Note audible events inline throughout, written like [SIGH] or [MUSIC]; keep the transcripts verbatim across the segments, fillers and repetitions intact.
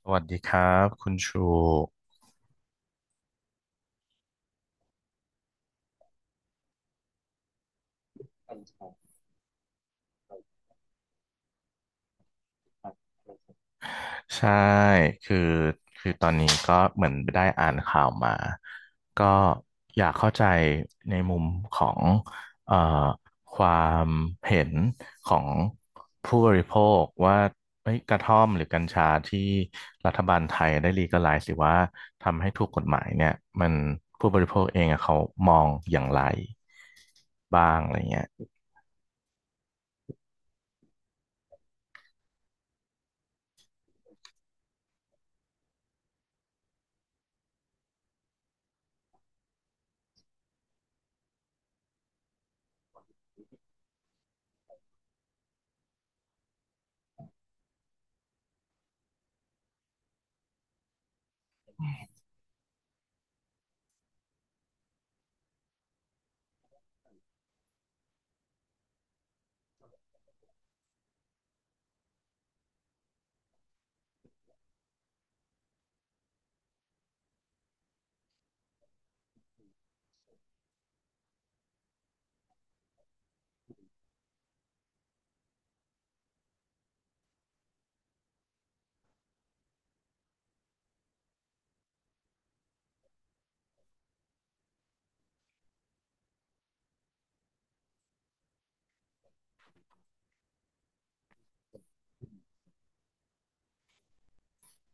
สวัสดีครับคุณชูใช่คือคือตอนนี้ก็เหมือนได้อ่านข่าวมาก็อยากเข้าใจในมุมของเอ่อความเห็นของผู้บริโภคว่าเอ้ยกระท่อมหรือกัญชาที่รัฐบาลไทยได้ลีกัลไลซ์หรือว่าทำให้ถูกกฎหมายเนี่ยมันผู้บริโภคเองอะเขามองอย่างไรบ้างอะไรเงี้ย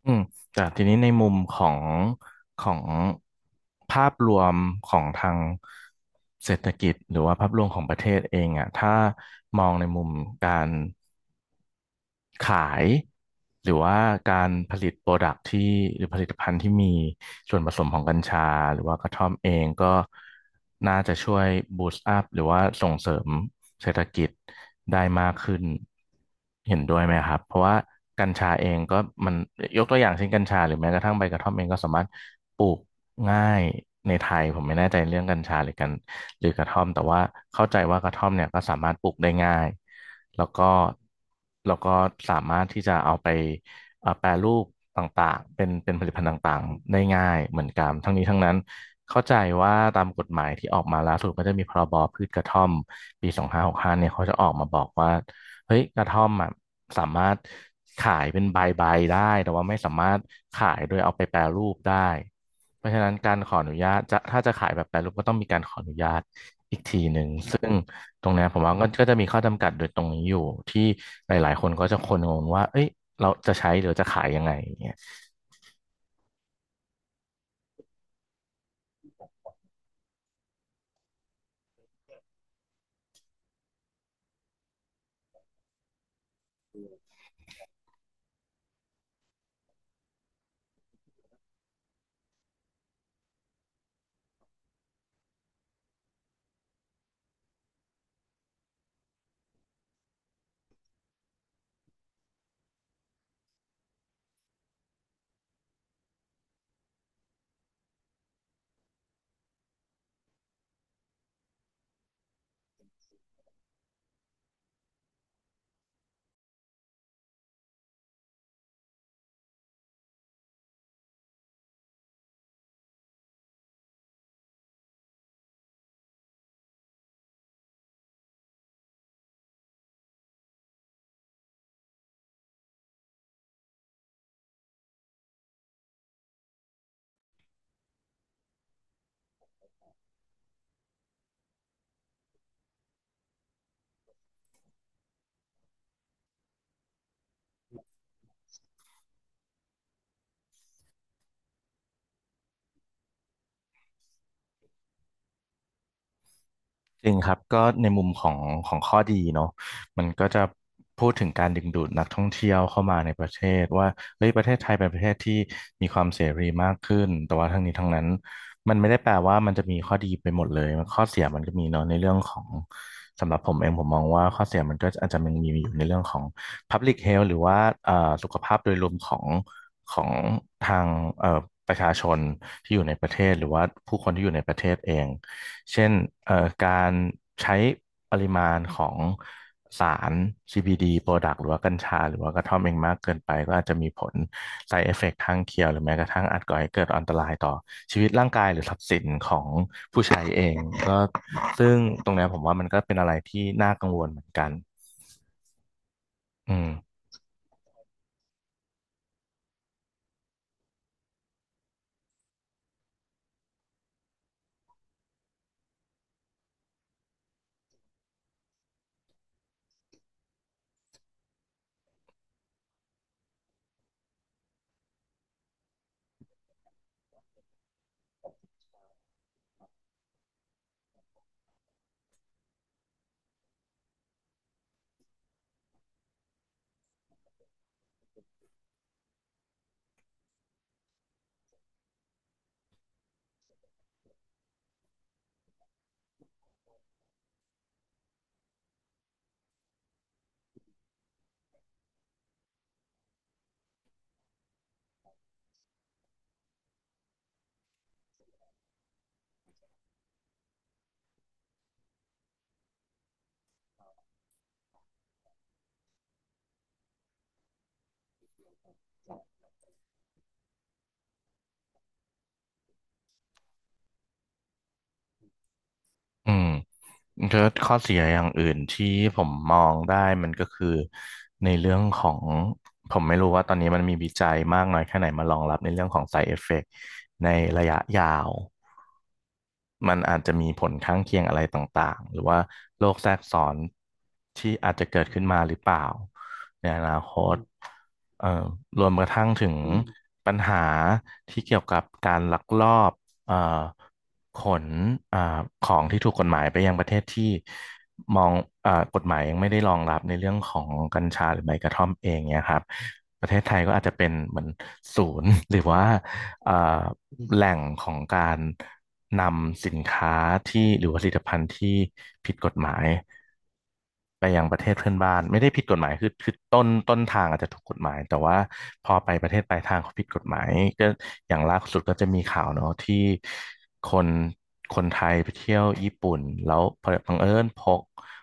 อืมแต่ทีนี้ในมุมของของภาพรวมของทางเศรษฐกิจหรือว่าภาพรวมของประเทศเองอ่ะถ้ามองในมุมการ ขายหรือว่าการผลิตโปรดักที่หรือผลิตภัณฑ์ที่มีส่วนผสมของกัญชาหรือว่ากระท่อมเองก็น่าจะช่วยบูสต์อัพหรือว่าส่งเสริมเศรษฐกิจได้มากขึ้นเห็นด้วยไหมครับเพราะว่ากัญชาเองก็มันยกตัวอย่างเช่นกัญชาหรือแม้กระทั่งใบกระท่อมเองก็สามารถปลูกง่ายในไทยผมไม่แน่ใจเรื่องกัญชาหรือกันหรือกระท่อมแต่ว่าเข้าใจว่ากระท่อมเนี่ยก็สามารถปลูกได้ง่ายแล้วก็ แล้วก็สามารถที่จะเอาไปเอ่อแปรรูปต่างๆเป็นเป็นผลิตภัณฑ์ต่างๆได้ง่ายเหมือนกันทั้งนี้ทั้งนั้นเข้าใจว่าตามกฎหมายที่ออกมาล่าสุดก็จะมีพอ รอ บอพืชกระท่อมปีสองห้ห้าเนี่ยเขาจะออกมาบอกว่าเฮ้ยกระท่อมอ่ะสามารถขายเป็นใบๆได้แต่ว่าไม่สามารถขายโดยเอาไปแปรรูปได้เพราะฉะนั้นการขออนุญาตจะถ้าจะขายแบบแปรรูปก็ต้องมีการขออนุญาต ตรงเนี้ยผมว่าก็ก็จะมีข้อจำกัดโดยตรงนี้อยู่ที่หลายๆ คนก็จะคนงงว่าเอ้ยเราจะใช้หรือจะขายยังไงอย่างเงี้ย จริงครับก็ในมุมของของข้อดีเนาะมันก็จะพูดถึงการดึงดูดนักท่องเที่ยวเข้ามาในประเทศว่าเฮ้ยประเทศไทยเป็นประเทศที่มีความเสรีมากขึ้นแต่ว่าทั้งนี้ทั้งนั้นมันไม่ได้แปลว่ามันจะมีข้อดีไปหมดเลยข้อเสียมันก็มีเนาะในเรื่องของสำหรับผมเองผมมองว่าข้อเสียมันก็อาจจะมันมีอยู่ในเรื่องของ Public Health หรือว่าเอ่อสุขภาพโดยรวมของของทางเอ่อประชาชนที่อยู่ในประเทศหรือว่าผู้คนที่อยู่ในประเทศเอง เช่นเอ่อการใช้ปริมาณของสาร ซี บี ดี product หรือว่ากัญชาหรือว่ากระท่อมเองมากเกินไปก็อาจจะมีผล side effect ข้างเคียงหรือแม้กระทั่งอาจก่อให้เกิดอันตรายต่อชีวิตร่างกายหรือทรัพย์สินของผู้ใช้เองก็ซึ่งตรงเนี้ยผมว่ามันก็เป็นอะไรที่น่ากังวลเหมือนกันอืม อืมก็ข้อเสียอย่างอื่นที่ผมมองได้มันก็คือในเรื่องของผมไม่รู้ว่าตอนนี้มันมีวิจัยมากน้อยแค่ไหนมารองรับในเรื่องของ side effect ในระยะยาวมันอาจจะมีผลข้างเคียงอะไรต่างๆหรือว่าโรคแทรกซ้อนที่อาจจะเกิดขึ้นมาหรือเปล่าในอนาคตเอ่อรวมกระทั่งถึงอืมปัญหาที่เกี่ยวกับการลักลอบเอ่อ ขนอ่าของที่ถูกกฎหมายไปยังประเทศที่มองอ่ากฎหมายยังไม่ได้รองรับในเรื่องของกัญชาหรือใบกระท่อมเองเนี่ยครับประเทศไทยก็อาจจะเป็นเหมือนศูนย์ [LAUGHS] หรือว่าอ่าแหล่งของการนำสินค้าที่หรือว่าผลิตภัณฑ์ที่ผิดกฎหมาย ไปยังประเทศเพื่อนบ้านไม่ได้ผิดกฎหมายคือคือต้นต้นทางอาจจะถูกกฎหมายแต่ว่าพอไปประเทศปลายทางเขาผิดกฎหมายก็อย่างล่าสุดก็จะมีข่าวเนาะที่คนคนไทยไปเที่ยวญี่ปุ่นแล้วบังเอิญพก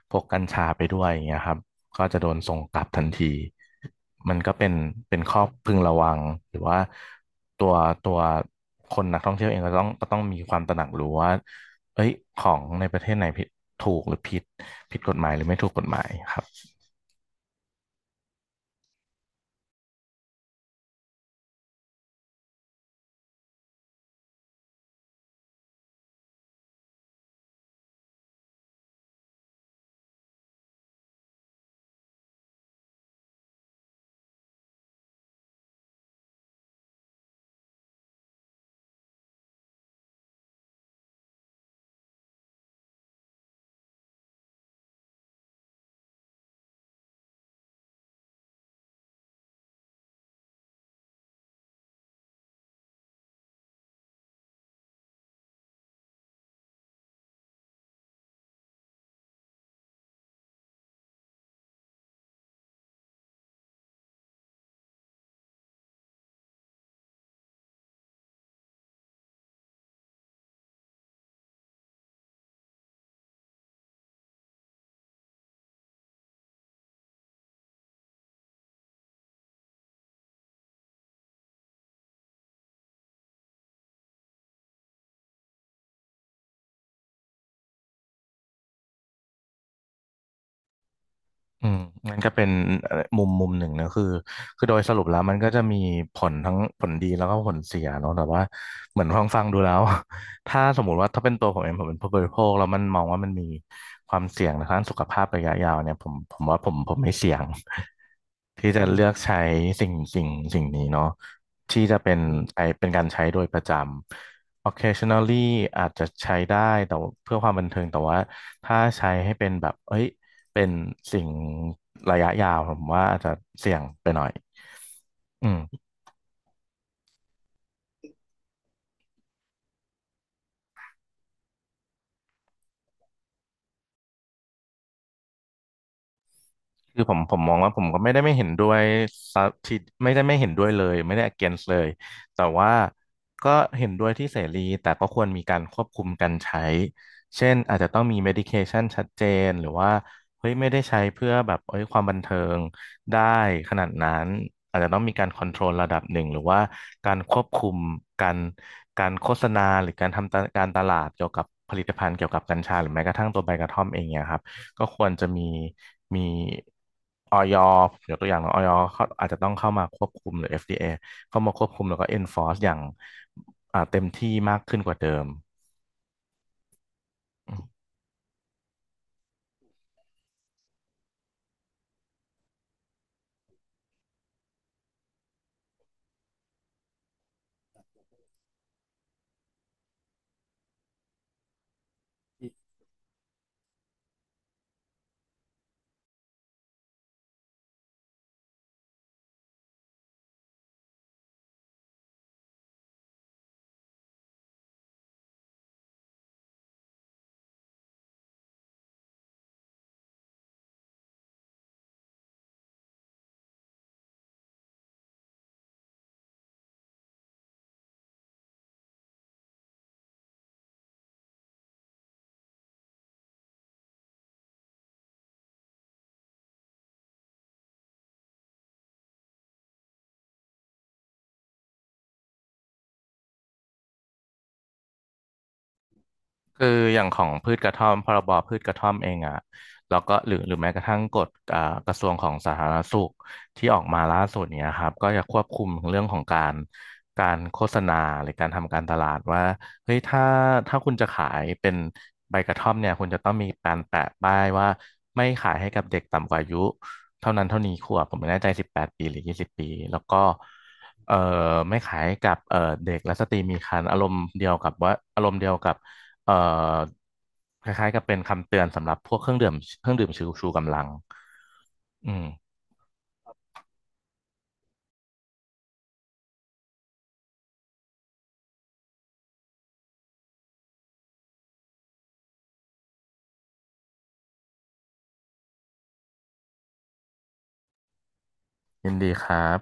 พกกัญชาไปด้วยอย่างเงี้ยครับก็จะโดนส่งกลับทันที มันก็เป็นเป็นข้อพึงระวังหรือว่าตัวตัวคนนักท่องเที่ยวเองก็ต้องก็ต้องมีความตระหนักรู้ว่าเอ้ยของในประเทศไหนผิดถูกหรือผิดผิดกฎหมายหรือไม่ถูกกฎหมายครับ อืมมันก็เป็นเอ่อมุมมุมหนึ่งนะคือคือโดยสรุปแล้วมันก็จะมีผลทั้งผลดีแล้วก็ผลเสียเนาะแต่ว่าเหมือนฟังฟังดูแล้ว [LAUGHS] ถ้าสมมุติว่าถ้าเป็นตัวผมเองผมเป็นผู้บริโภคแล้วมันมองว่ามันมีความเสี่ยงทางด้านสุขภาพระยะยาวเนี่ยผมผมว่าผมผมไม่เสี่ยง [LAUGHS] ที่จะเลือกใช้สิ่งสิ่งสิ่งนี้เนาะที่จะเป็นใช้เป็นการใช้โดยประจำ occasionally อาจจะใช้ได้แต่ว่าเพื่อความบันเทิงแต่ว่าถ้าใช้ให้เป็นแบบเอ้ย เป็นสิ่งระยะยาวผมว่าอาจจะเสี่ยงไปหน่อยอืม คือผมผมมองว่าผมก็ไม่ได้ไม่เห็นด้วยซะทีไม่ได้ไม่เห็นด้วยเลยไม่ได้ against เลยแต่ว่าก็เห็นด้วยที่เสรีแต่ก็ควรมีการควบคุมการใช้เช่นอาจจะต้องมี medication ชัดเจนหรือว่าเฮ้ยไม่ได้ใช้เพื่อแบบเอ้ยความบันเทิงได้ขนาดนั้นอาจจะต้องมีการ control ระดับหนึ่งหรือว่าการควบคุมการการโฆษณาหรือการทำตะการตลาดเกี่ยวกับผลิตภัณฑ์เกี่ยวกับกัญชาหรือแม้กระทั่งตัวใบกระท่อมเองเนี่ยครับ ก็ควรจะมีมีออยยกตัวอย่างเนอะออยเขาอาจจะต้องเข้ามาควบคุมหรือ เอฟ ดี เอ เอเข้ามาควบคุมแล้วก็ enforce อย่างอ่าเต็มที่มากขึ้นกว่าเดิม คืออย่างของพืชกระท่อมพรบพืชกระท่อมเองอ่ะแล้วก็หรือหรือแม้กระทั่งกฎอ่ากระทรวงของสาธารณสุขที่ออกมาล่าสุดเนี้ยครับก็จะควบคุมเรื่องของการการโฆษณาหรือการทำการตลาดว่าเฮ้ยถ้าถ้าคุณจะขายเป็นใบกระท่อมเนี่ยคุณจะต้องมีการแปะป้ายว่าไม่ขายให้กับเด็กต่ำกว่าอายุเท่านั้นเท่านี้ขวบผมไม่แน่ใจสิบแปดปีหรือยี่สิบปี แล้วก็เอ่อไม่ขายกับเอ่อเด็กและสตรีมีครรภ์อารมณ์เดียวกับว่าอารมณ์เดียวกับ เอ่อคล้ายๆกับเป็นคำเตือนสำหรับพวกเครื่องดื่มเครื่องดื่มชูชูกำลังอืมยินดีครับ